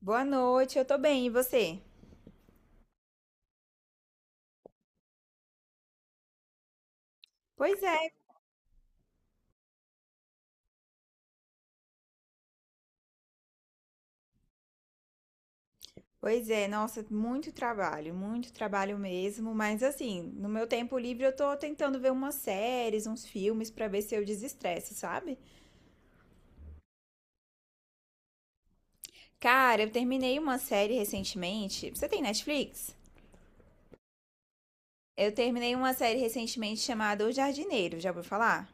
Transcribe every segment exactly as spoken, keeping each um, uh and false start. Boa noite, eu tô bem, e você? Pois é, pois é, nossa, muito trabalho, muito trabalho mesmo, mas assim, no meu tempo livre eu tô tentando ver umas séries, uns filmes pra ver se eu desestresso, sabe? Cara, eu terminei uma série recentemente. Você tem Netflix? Eu terminei uma série recentemente chamada O Jardineiro, já ouviu falar?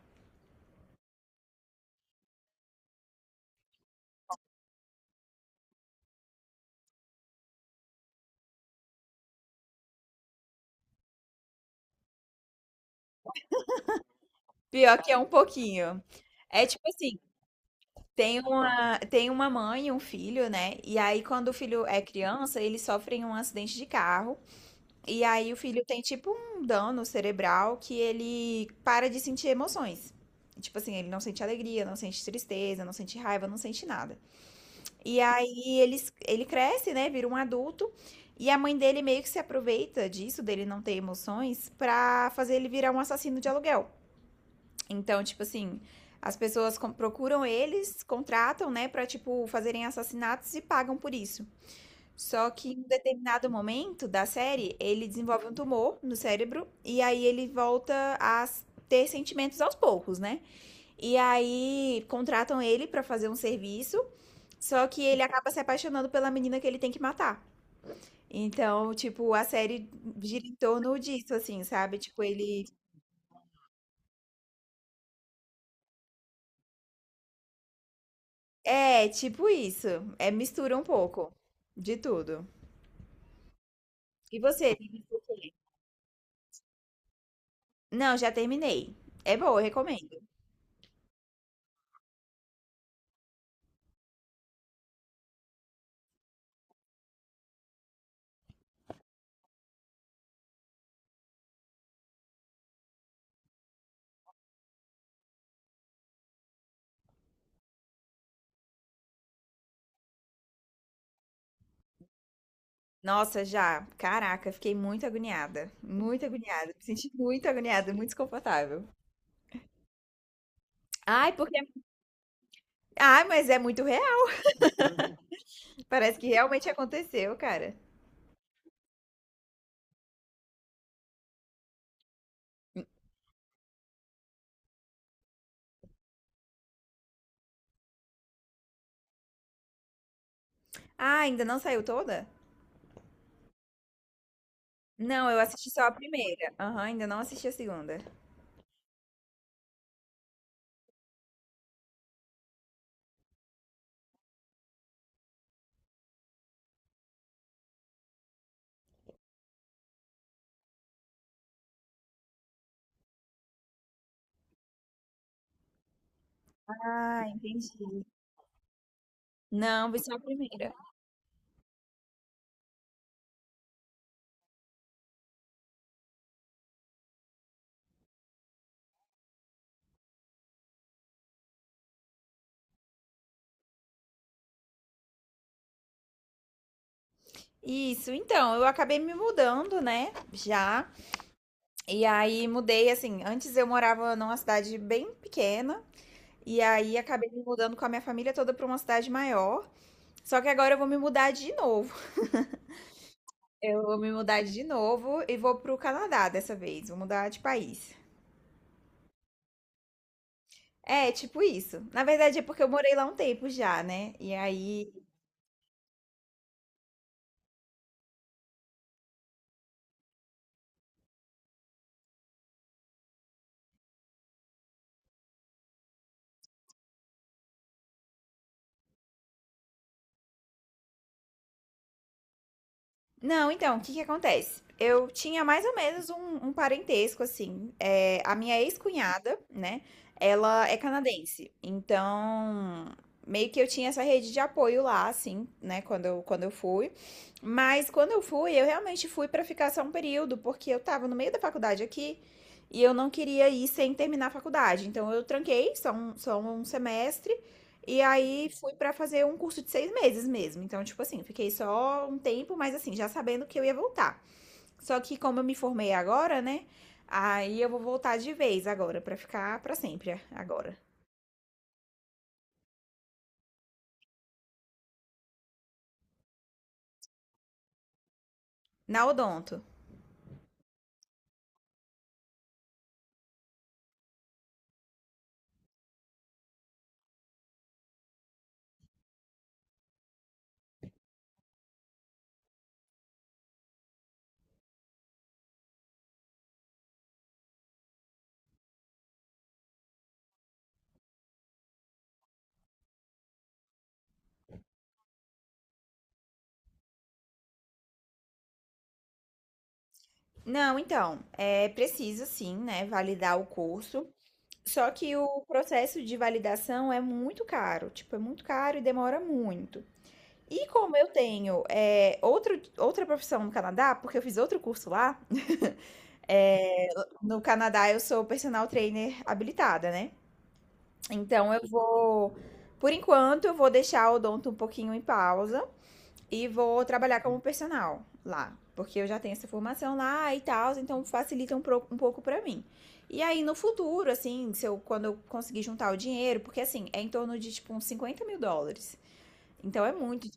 Pior que é um pouquinho. É tipo assim, tem uma, tem uma mãe e um filho, né? E aí, quando o filho é criança, eles sofrem um acidente de carro. E aí o filho tem tipo um dano cerebral que ele para de sentir emoções. Tipo assim, ele não sente alegria, não sente tristeza, não sente raiva, não sente nada. E aí ele, ele cresce, né? Vira um adulto. E a mãe dele meio que se aproveita disso, dele não ter emoções, pra fazer ele virar um assassino de aluguel. Então, tipo assim, as pessoas com- procuram eles, contratam, né, pra, tipo, fazerem assassinatos e pagam por isso. Só que em um determinado momento da série, ele desenvolve um tumor no cérebro e aí ele volta a s- ter sentimentos aos poucos, né? E aí contratam ele pra fazer um serviço, só que ele acaba se apaixonando pela menina que ele tem que matar. Então, tipo, a série gira em torno disso, assim, sabe? Tipo, ele. É, tipo isso. É mistura um pouco de tudo. E você? Não, já terminei. É boa, eu recomendo. Nossa, já. Caraca, fiquei muito agoniada, muito agoniada, me senti muito agoniada, muito desconfortável. Ai, porque Ai, mas é muito real, parece que realmente aconteceu, cara. Ah, ainda não saiu toda? Não, eu assisti só a primeira. Aham, ainda não assisti a segunda. Ah, entendi. Não, vi só a primeira. Isso, então, eu acabei me mudando, né? Já. E aí mudei assim. Antes eu morava numa cidade bem pequena. E aí acabei me mudando com a minha família toda para uma cidade maior. Só que agora eu vou me mudar de novo. Eu vou me mudar de novo e vou pro Canadá dessa vez. Vou mudar de país. É, tipo isso. Na verdade é porque eu morei lá um tempo já, né? E aí. Não, então, o que que acontece? Eu tinha mais ou menos um, um parentesco, assim. É, a minha ex-cunhada, né? Ela é canadense. Então, meio que eu tinha essa rede de apoio lá, assim, né? Quando eu, quando eu fui. Mas quando eu fui, eu realmente fui pra ficar só um período, porque eu tava no meio da faculdade aqui e eu não queria ir sem terminar a faculdade. Então, eu tranquei só um, só um semestre. E aí fui pra fazer um curso de seis meses mesmo. Então, tipo assim, fiquei só um tempo, mas assim, já sabendo que eu ia voltar. Só que como eu me formei agora, né? Aí eu vou voltar de vez agora, pra ficar pra sempre agora. Na Odonto. Não, então, é preciso sim, né, validar o curso. Só que o processo de validação é muito caro, tipo, é muito caro e demora muito. E como eu tenho é, outro, outra profissão no Canadá, porque eu fiz outro curso lá. É, no Canadá eu sou personal trainer habilitada, né? Então eu vou, por enquanto, eu vou deixar o odonto um pouquinho em pausa e vou trabalhar como personal lá, porque eu já tenho essa formação lá e tal, então facilita um, pro- um pouco pra mim. E aí no futuro, assim, se eu, quando eu conseguir juntar o dinheiro, porque assim, é em torno de tipo uns cinquenta mil dólares. Então é muito.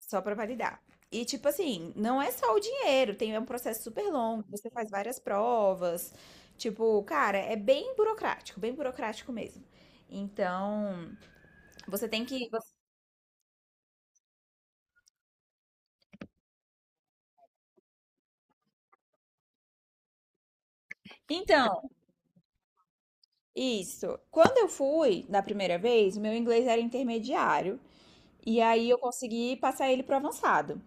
Só pra validar. E tipo assim, não é só o dinheiro, tem é um processo super longo, você faz várias provas. Tipo, cara, é bem burocrático, bem burocrático mesmo. Então, você tem que. Você- Então, isso. Quando eu fui da primeira vez, o meu inglês era intermediário. E aí eu consegui passar ele pro avançado.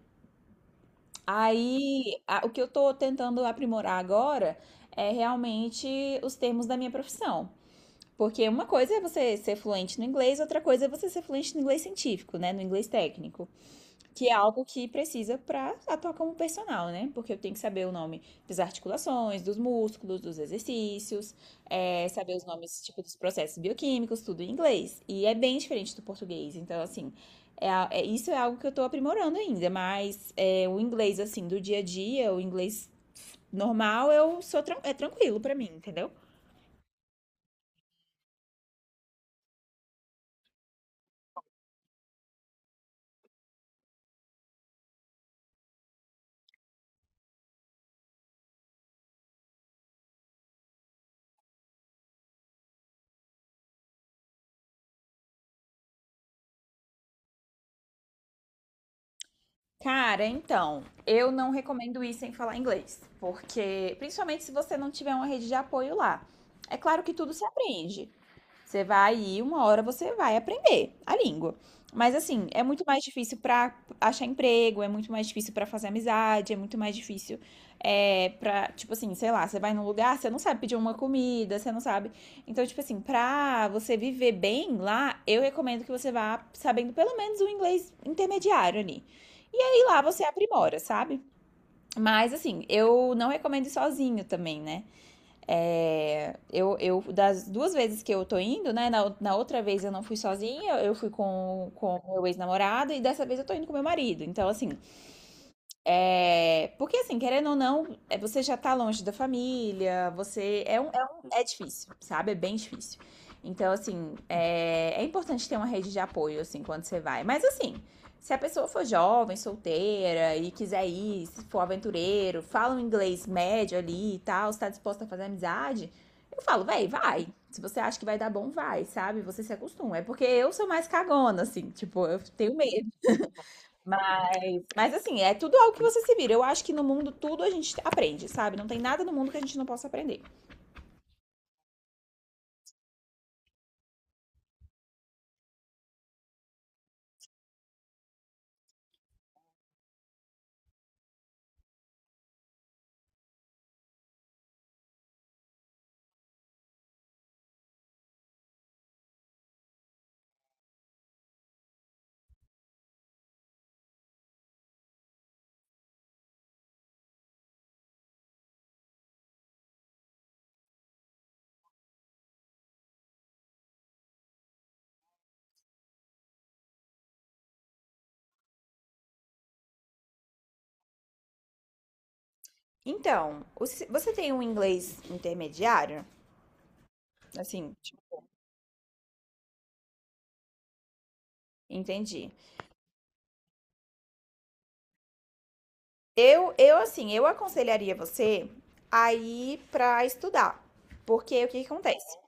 Aí, a- o que eu tô tentando aprimorar agora é realmente os termos da minha profissão. Porque uma coisa é você ser fluente no inglês, outra coisa é você ser fluente no inglês científico, né? No inglês técnico. Que é algo que precisa para atuar como personal, né? Porque eu tenho que saber o nome das articulações, dos músculos, dos exercícios, é, saber os nomes, tipo, dos processos bioquímicos, tudo em inglês. E é bem diferente do português. Então, assim, é, a- é- isso é algo que eu tô aprimorando ainda. Mas é, o inglês, assim, do dia a dia, o inglês normal, eu sou tran- é tranquilo para mim, entendeu? Cara, então, eu não recomendo ir sem falar inglês, porque principalmente se você não tiver uma rede de apoio lá. É claro que tudo se aprende, você vai ir, uma hora você vai aprender a língua. Mas assim, é muito mais difícil pra achar emprego, é muito mais difícil pra fazer amizade, é muito mais difícil é, pra, tipo assim, sei lá, você vai num lugar, você não sabe pedir uma comida, você não sabe. Então, tipo assim, pra você viver bem lá, eu recomendo que você vá sabendo pelo menos o inglês intermediário ali. E aí lá você aprimora, sabe? Mas assim, eu não recomendo ir sozinho também, né? É, eu, eu, das duas vezes que eu tô indo, né? Na, na outra vez eu não fui sozinha, eu fui com, com meu ex-namorado e dessa vez eu tô indo com meu marido. Então, assim, é, porque assim, querendo ou não, é, você já tá longe da família, você é um, é um- é difícil, sabe? É bem difícil. Então, assim, é, é importante ter uma rede de apoio, assim, quando você vai. Mas assim, se a pessoa for jovem, solteira e quiser ir, se for aventureiro, fala um inglês médio ali e tal, está disposta a fazer amizade, eu falo, véi, vai. Se você acha que vai dar bom, vai, sabe? Você se acostuma. É porque eu sou mais cagona, assim, tipo, eu tenho medo. Mas assim, é tudo algo que você se vira. Eu acho que no mundo tudo a gente aprende, sabe? Não tem nada no mundo que a gente não possa aprender. Então, você tem um inglês intermediário? Assim, tipo, entendi. Eu, eu assim, eu aconselharia você a ir pra estudar. Porque o que que acontece?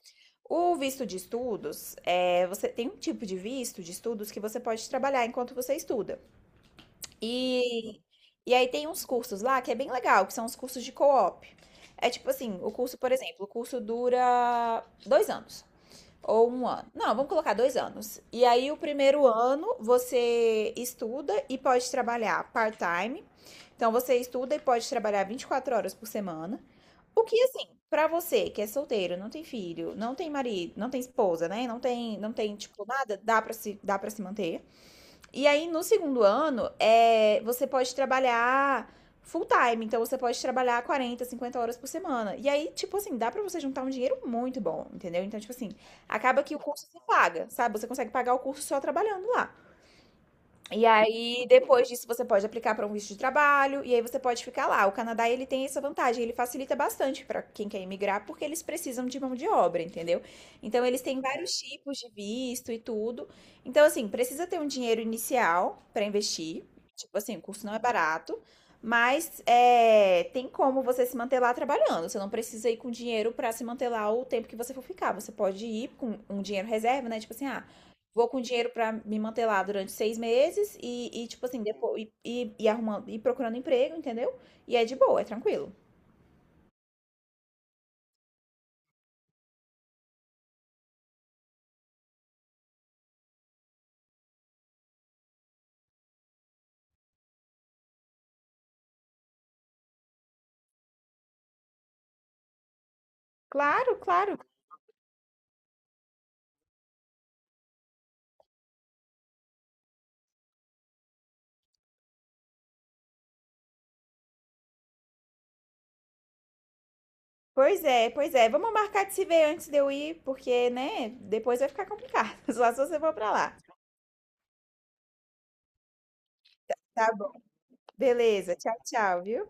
O visto de estudos, é, você tem um tipo de visto de estudos que você pode trabalhar enquanto você estuda. E, e aí tem uns cursos lá que é bem legal, que são os cursos de co-op. É tipo assim, o curso, por exemplo, o curso dura dois anos ou um ano. Não, vamos colocar dois anos. E aí o primeiro ano você estuda e pode trabalhar part-time. Então você estuda e pode trabalhar vinte e quatro horas por semana. O que assim, pra você que é solteiro, não tem filho, não tem marido, não tem esposa, né? Não tem, não tem tipo nada, dá pra se, dá para se manter. E aí, no segundo ano, é, você pode trabalhar full time. Então, você pode trabalhar quarenta cinquenta horas por semana. E aí, tipo assim, dá pra você juntar um dinheiro muito bom, entendeu? Então, tipo assim, acaba que o curso se paga, sabe? Você consegue pagar o curso só trabalhando lá. E aí, depois disso, você pode aplicar para um visto de trabalho e aí você pode ficar lá. O Canadá, ele tem essa vantagem, ele facilita bastante para quem quer imigrar, porque eles precisam de mão de obra, entendeu? Então, eles têm vários tipos de visto e tudo. Então, assim, precisa ter um dinheiro inicial para investir. Tipo assim, o curso não é barato, mas é, tem como você se manter lá trabalhando. Você não precisa ir com dinheiro para se manter lá o tempo que você for ficar. Você pode ir com um dinheiro reserva, né? Tipo assim, ah, vou com dinheiro pra me manter lá durante seis meses e e, tipo assim, depo e e e arrumando e procurando emprego, entendeu. E é de boa, é tranquilo. Claro, claro. Pois é, pois é. Vamos marcar de se ver antes de eu ir, porque, né, depois vai ficar complicado, só se você for pra lá. Tá bom. Beleza. Tchau, tchau, viu.